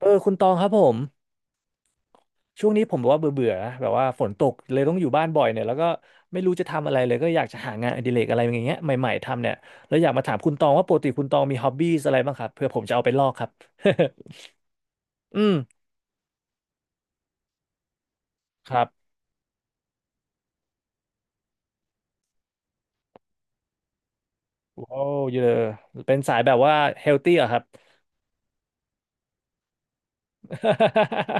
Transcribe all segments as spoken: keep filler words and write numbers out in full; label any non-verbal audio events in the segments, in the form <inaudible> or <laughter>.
เออคุณตองครับผมช่วงนี้ผมแบบว่าเบื่อเบื่อแบบว่าฝนตกเลยต้องอยู่บ้านบ่อยเนี่ยแล้วก็ไม่รู้จะทำอะไรเลยก็อยากจะหางานอดิเรกอะไรอย่างเงี้ยใหม่ๆทำเนี่ยแล้วอยากมาถามคุณตองว่าปกติคุณตองมีฮ็อบบี้อะไรบ้างครับเพื่อผมจะเอาไปลอกครับ <laughs> อืมครับว้าวเยอะเป็นสายแบบว่าเฮลตี้เหรอะครับ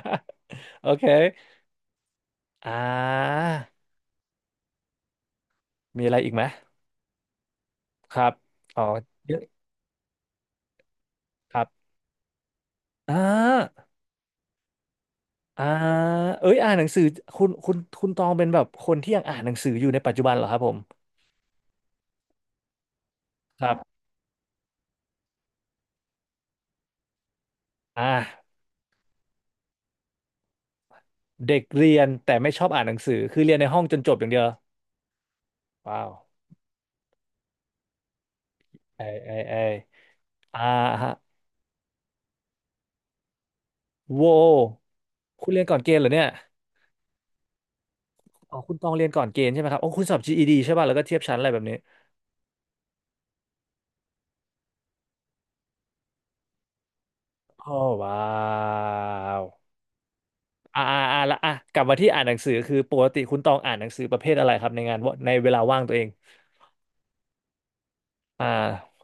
<laughs> โอเคอ่ามีอะไรอีกไหมครับอ๋อเยอะครับอ่า อ่าเอ้ยอ่านหนังสือคุณคุณคุณตองเป็นแบบคนที่ยังอ่านหนังสืออยู่ในปัจจุบันเหรอครับผมครับอ่าเด็กเรียนแต่ไม่ชอบอ่านหนังสือคือเรียนในห้องจนจบอย่างเดียวว้าวไอยเอยเอยอ่าฮะโวคุณเรียนก่อนเกณฑ์เหรอเนี่ยอ๋อคุณตองเรียนก่อนเกณฑ์ใช่ไหมครับโอ้คุณสอบ จี อี ดี ใช่ป่ะแล้วก็เทียบชั้นอะไรแบบนี้อ๋อว้าวอ่าอ่าอ่าละอ่ะกลับมาที่อ่านหนังสือคือปกติคุณตองอ่านหนังสือประเภทอะไรครับในงานวในเวลาว่างตัวเองอ่า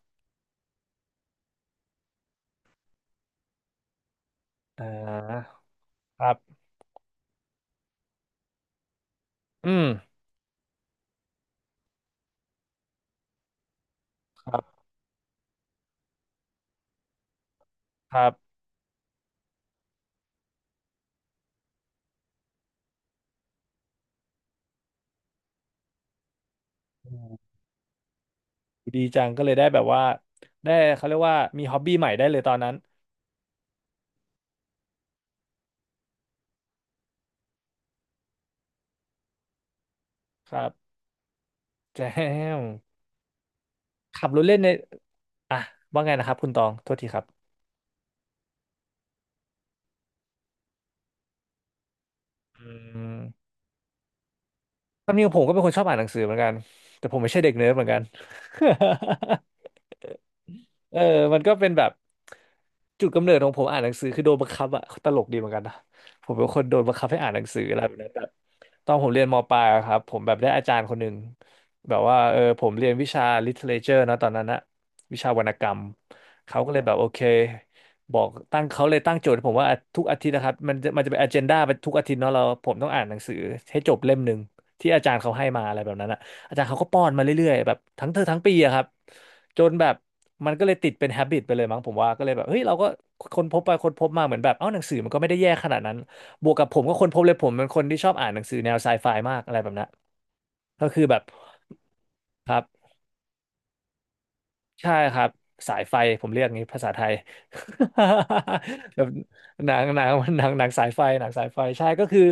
อ่าครับอืม ครับอืมดีจังก็เลยได้แบบว่าได้เขาเรียกว่ามีฮ็อบบี้ใหม่ได้เลยตอนนั้นครับแจ้มขับรถเล่นในอ่ะว่าไงนะครับคุณตองโทษทีครับอืมความจริงผมก็เป็นคนชอบอ่านหนังสือเหมือนกันแต่ผมไม่ใช่เด็กเนิร์ดเหมือนกัน <laughs> เออมันก็เป็นแบบจุดกำเนิดของผมอ่านหนังสือคือโดนบังคับอะตลกดีเหมือนกันนะผมเป็นคนโดนบังคับให้อ่านหนังสืออะไรแบบนั้นแบบตอนผมเรียนมปลายอะครับผมแบบได้อาจารย์คนหนึ่งแบบว่าเออผมเรียนวิชา literature นะตอนนั้นนะวิชาวรรณกรรมเขาก็เลยแบบโอเคบอกตั้งเขาเลยตั้งโจทย์ให้ผมว่าทุกอาทิตย์นะครับมันจะมันจะเป็นอเจนดาไปทุกอาทิตย์เนาะเราผมต้องอ่านหนังสือให้จบเล่มหนึ่งที่อาจารย์เขาให้มาอะไรแบบนั้นอะอาจารย์เขาก็ป้อนมาเรื่อยๆแบบทั้งเทอมทั้งปีอะครับ จนแบบมันก็เลยติดเป็น habit ไปเลยมั้งผมว่าก็เลยแบบเฮ้ยเราก็คนพบไปคนพบมาเหมือนแบบเอ้าหนังสือมันก็ไม่ได้แย่ขนาดนั้นบวกกับผมก็คนพบเลยผมเป็นคนที่ชอบอ่านหนังสือแนวไซไฟมากอะไรแบบนั้นก็คือแบบครับ ใช่ครับสายไฟผมเรียกงี้ภาษาไทย <laughs> แบบหนังหนัง <laughs> หนังหนังสายไฟหนังสายไฟใช่ก็คือ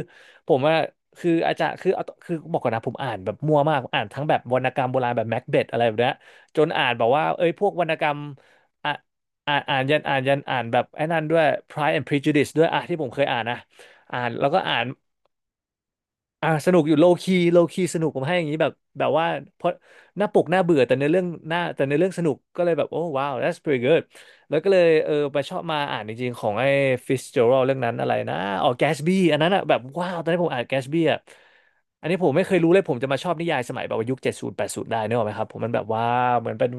ผมว่าคืออาจารย์คือเอาคือบอกก่อนนะผมอ่านแบบมั่วมากอ่านทั้งแบบวรรณกรรมโบราณแบบแม็กเบธอะไรแบบเนี้ยจนอ่านแบบว่าเอ้ยพวกวรรณกรรมอ่ะอ่านอ่านยันอ่านยันอ่านแบบไอ้นั่นด้วย Pride and Prejudice ด้วยอ่ะที่ผมเคยอ่านนะอ่านแล้วก็อ่าน อ่ะสนุกอยู่โลคีโลคีสนุกผมให้อย่างนี้แบบแบบว่าเพราะหน้าปกหน้าเบื่อแต่ในอเรื่องหน้าแต่ในอเรื่องสนุกก็เลยแบบโอ้ว้าว that's pretty good แล้วก็เลยเออไปชอบมาอ่านจริงๆของไอ้ Fitzgerald เรื่องนั้นอะไรนะอ๋อ Gatsby อันนั้นอ่ะแบบว้าวตอนนี้ผมอ่าน Gatsby อ่ะอันนี้ผมไม่เคยรู้เลยผมจะมาชอบนิยายสมัยแบบว่ายุคเจ็ดศูนย์แปดศูนย์ได้เนกอะไหมครับผมมันแบบว่าเหมือนเป็น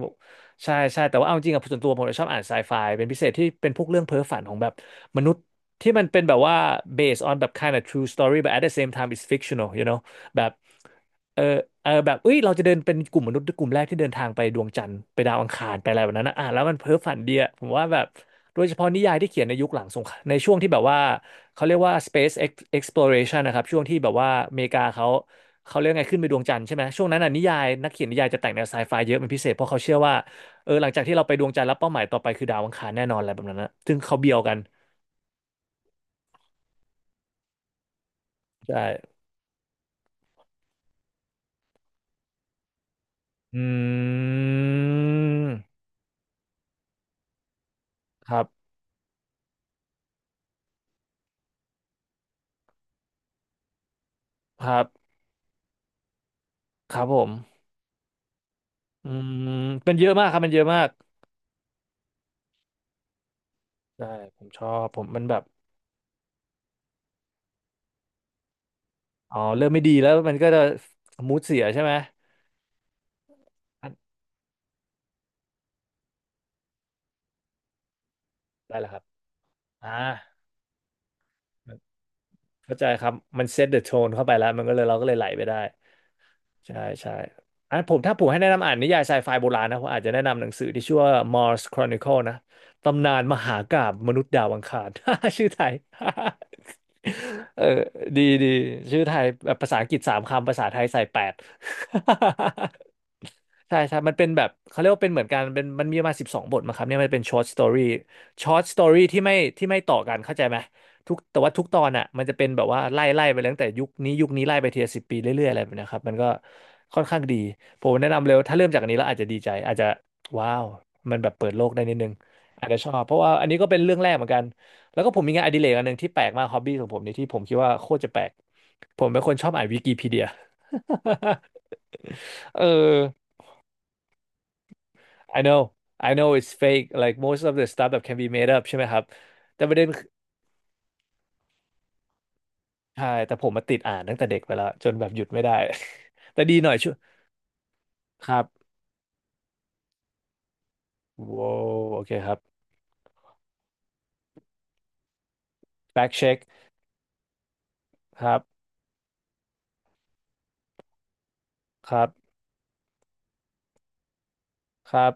ใช่ใช่แต่ว่าเอาจริงๆอ่ะส่วนตัวผมจะชอบอ่านไซไฟเป็นพิเศษที่เป็นพวกเรื่องเพ้อฝันของแบบมนุษย์ ที่มันเป็นแบบว่า based on แบบ kind of true story but at the same time it's fictional you know แบบเออเออแบบเอ้ยเราจะเดินเป็นกลุ่มมนุษย์กลุ่มแรกที่เดินทางไปดวงจันทร์ไปดาวอังคารไปอะไรแบบนั้นนะอ่ะแล้วมันเพ้อฝันเดียผมว่าแบบ โดยเฉพาะนิยายที่เขียนในยุคหลังสงครามในช่วงที่แบบว่าเขาเรียกว่า space ex- exploration นะครับช่วงที่แบบว่าอเมริกาเขาเขาเรียกไงขึ้นไปดวงจันทร์ใช่ไหมช่วงนั้นน่ะนิยายนักเขียนนิยายจะแต่งแนวไซไฟเยอะเป็นพิเศษเพราะเขาเชื่อว่าเออหลังจากที่เราไปดวงจันทร์แล้วเป้าหมายต่อไปคือดาวอังคารแน่นอนอะไรแบบนั้นนะซึ่งเขาเบียวกันใช่ อืมครับครับครับผมอืมเป็นเยอะมากครับมันเยอะมากใช่ผมชอบผมมันแบบอ๋อเริ่มไม่ดีแล้วมันก็จะมูดเสียใช่ไหมอะได้แล้วครับอ่าเข้าใจครับมันเซตเดอะโทนเข้าไปแล้วมันก็เลยเราก็เลยไหลไปได้ ใช่ใช่อ่นผมถ้าผมให้แนะนำอ่านนิยายไซไฟโบราณนะผมอาจจะแนะนำหนังสือที่ชื่อว่า Mars Chronicle นะ ตำนานมหากาพย์มนุษย์ดาวอังคาร <laughs> ชื่อไทย <laughs> เออดีดี ชื่อไทยแบบภาษาอังกฤษสามคำภาษาไทยใส่แปด <laughs> ใช่ใช่ มันเป็นแบบเขาเรียกว่าเป็นเหมือนกันเป็นมันมีประมาณสิบสองบทมาครับเนี่ยมันเป็นช h o ตสตอรี่ช h o ตสตอรี่ที่ไม่ที่ไม่ต่อกันเข้าใจไหมทุกแต่ว่าทุกตอนอ่ะมันจะเป็นแบบว่าไล่ไล่ไปตั้งแต่ยุคนี้ยุคนี้ไล่ไปทีละสิบปีเรื่อยๆอะไรแบบเนะครับมันก็ค่อนข้างดีผมแนะนำเลยว่าถ้าเริ่มจากอันนี้แล้วอาจจะดีใจอาจจะว้าวมันแบบเปิดโลกได้นิดนึงอาจจะชอบเพราะว่าอันนี้ก็เป็นเรื่องแรกเหมือนกันแล้วก็ผมมีงานอดิเรกอันหนึ่งที่แปลกมากฮอบบี้ของผมนี่ที่ผมคิดว่าโคตรจะแปลกผมเป็นคนชอบอ่านวิกิพี <laughs> เดีย <laughs> เออ I know I know it's fake like most of the stuff that can be made up ใช่ไหมครับแต่ประเด็นคือ <laughs> ใช่แต่ผมมาติดอ่านตั้งแต่เด็กไปแล้วจนแบบหยุดไม่ได้ <laughs> แต่ดีหน่อยช่วยครับว้าวโอเคครับ back check ครับครับครับ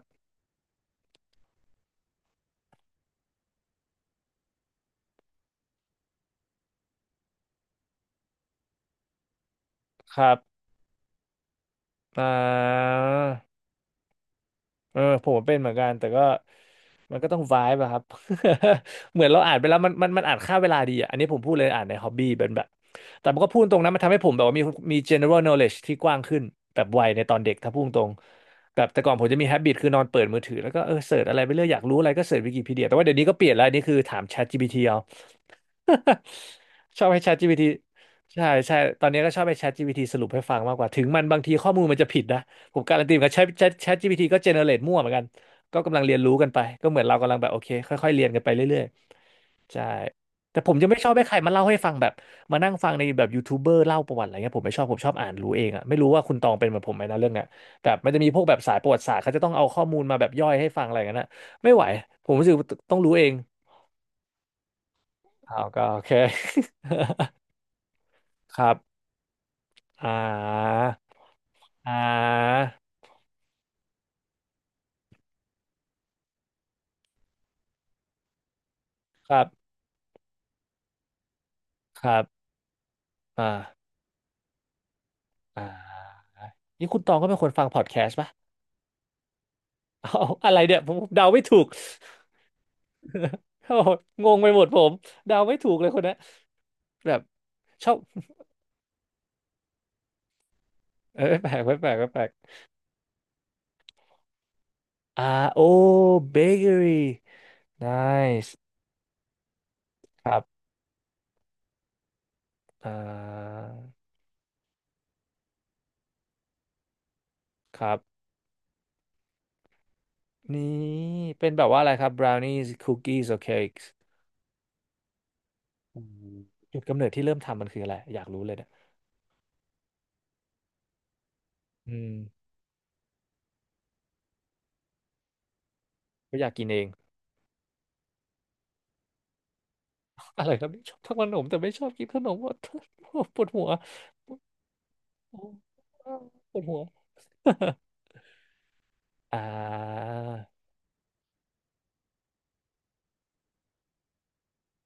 ครับอ่าเออผมเป็นเหมือนกันแต่ก็ มันก็ต้องไวบ์อะครับ <laughs> เหมือนเราอ่านไปแล้วมันมันมันอ่านค่าเวลาดีอะอันนี้ผมพูดเลยอ่านในฮอบบี้เป็นแบบ แต่มันก็พูดตรงนะมันทำให้ผมแบบว่ามีมี general knowledge ที่กว้างขึ้นแบบวัยในตอนเด็กถ้าพูดตรงแบบแต่ก่อนผมจะมี habit คือนอนเปิดมือถือแล้วก็เออเสิร์ชอะไรไปเรื่อยอยากรู้อะไรก็เสิร์ชวิกิพีเดียแต่ว่าเดี๋ยวนี้ก็เปลี่ยนแล้วอันนี้คือถาม ChatGPT เอา <laughs> ชอบให้ ChatGPT ใช่ใช่ ตอนนี้ก็ชอบให้ ChatGPT สรุปให้ฟังมากกว่า ถึงมันบางทีข้อมูลมันจะผิดนะ ผมการันตีเหมือนกับแชท ChatGPT ก็เจเนเรตมั่วเหมือนกัน ก็กำลังเรียนรู้กันไป ก็เหมือนเรากำลังแบบโอเคค่อยๆเรียนกันไปเรื่อยๆ ใช่ แต่ผมยังไม่ชอบให้ใครมาเล่าให้ฟังแบบมานั่งฟังในแบบยูทูบเบอร์เล่าประวัติอะไรเงี้ยผมไม่ชอบผมชอบอ่านรู้เองอะไม่รู้ว่าคุณตองเป็นเหมือนผมไหมนะเรื่องเนี้ยแบบมันจะมีพวกแบบสายประวัติศาสตร์เขาจะต้องเอาข้อมูลมาแบบย่อยให้ฟังอะไรกันนะไม่ไหวผมรู้สึกต้องรู้เองอ้าวก็โอเค ครับอ่า อ่า ครับ ครับ อ่า อ่านี่คุณตองก็เป็นคนฟังพอดแคสต์ป่ะเอาอะไรเนี่ยผมผมเดาไม่ถูก <laughs> โอ้โหงงไปหมดผมเดาไม่ถูกเลยคนเนี้ยแบบชอบเออแปลกแปลกแปลกแปลก อ่าโอ้เบเกอรี่ nice ครับอ่าครับนี่เป็นแบบว่าอะไรครับ brownies cookies or cakes อืมจุดกำเนิดที่เริ่มทำมันคืออะไรอยากรู้เลยเนี่ยอืมก็อยากกินเอง อะไรครับนี่ชอบทำขนมแต่ไม่ชอบกินขนม <laughs> ว่าปวดหัว <laughs> ปวดหัว <laughs> ปวดหัวอ่า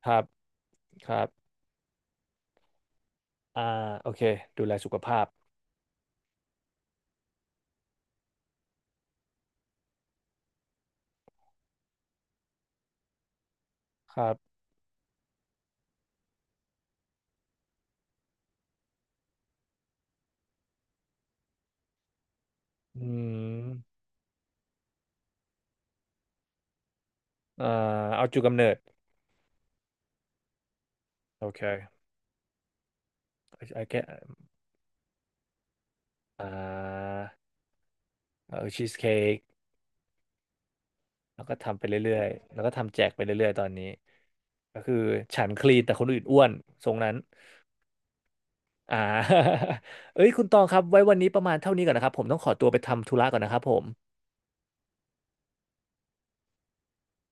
ครับครับอ่าโอเคดูแลสุขภาพครับอืมอ่าเอาจุดกำเนิดโอเค I get อ่าเออชีสเค้กแล้วก็ทำไปเรื่อยๆแล้วก็ทำแจกไปเรื่อยๆตอนนี้ก็คือฉันคลีนแต่คนอื่นอ้วนทรงนั้นอ่า <laughs> เอ้ยคุณตองครับไว้วันนี้ประมาณเท่านี้ก่อนนะครับผมต้องขอตัวไปทำธุระก่อนนะครับผม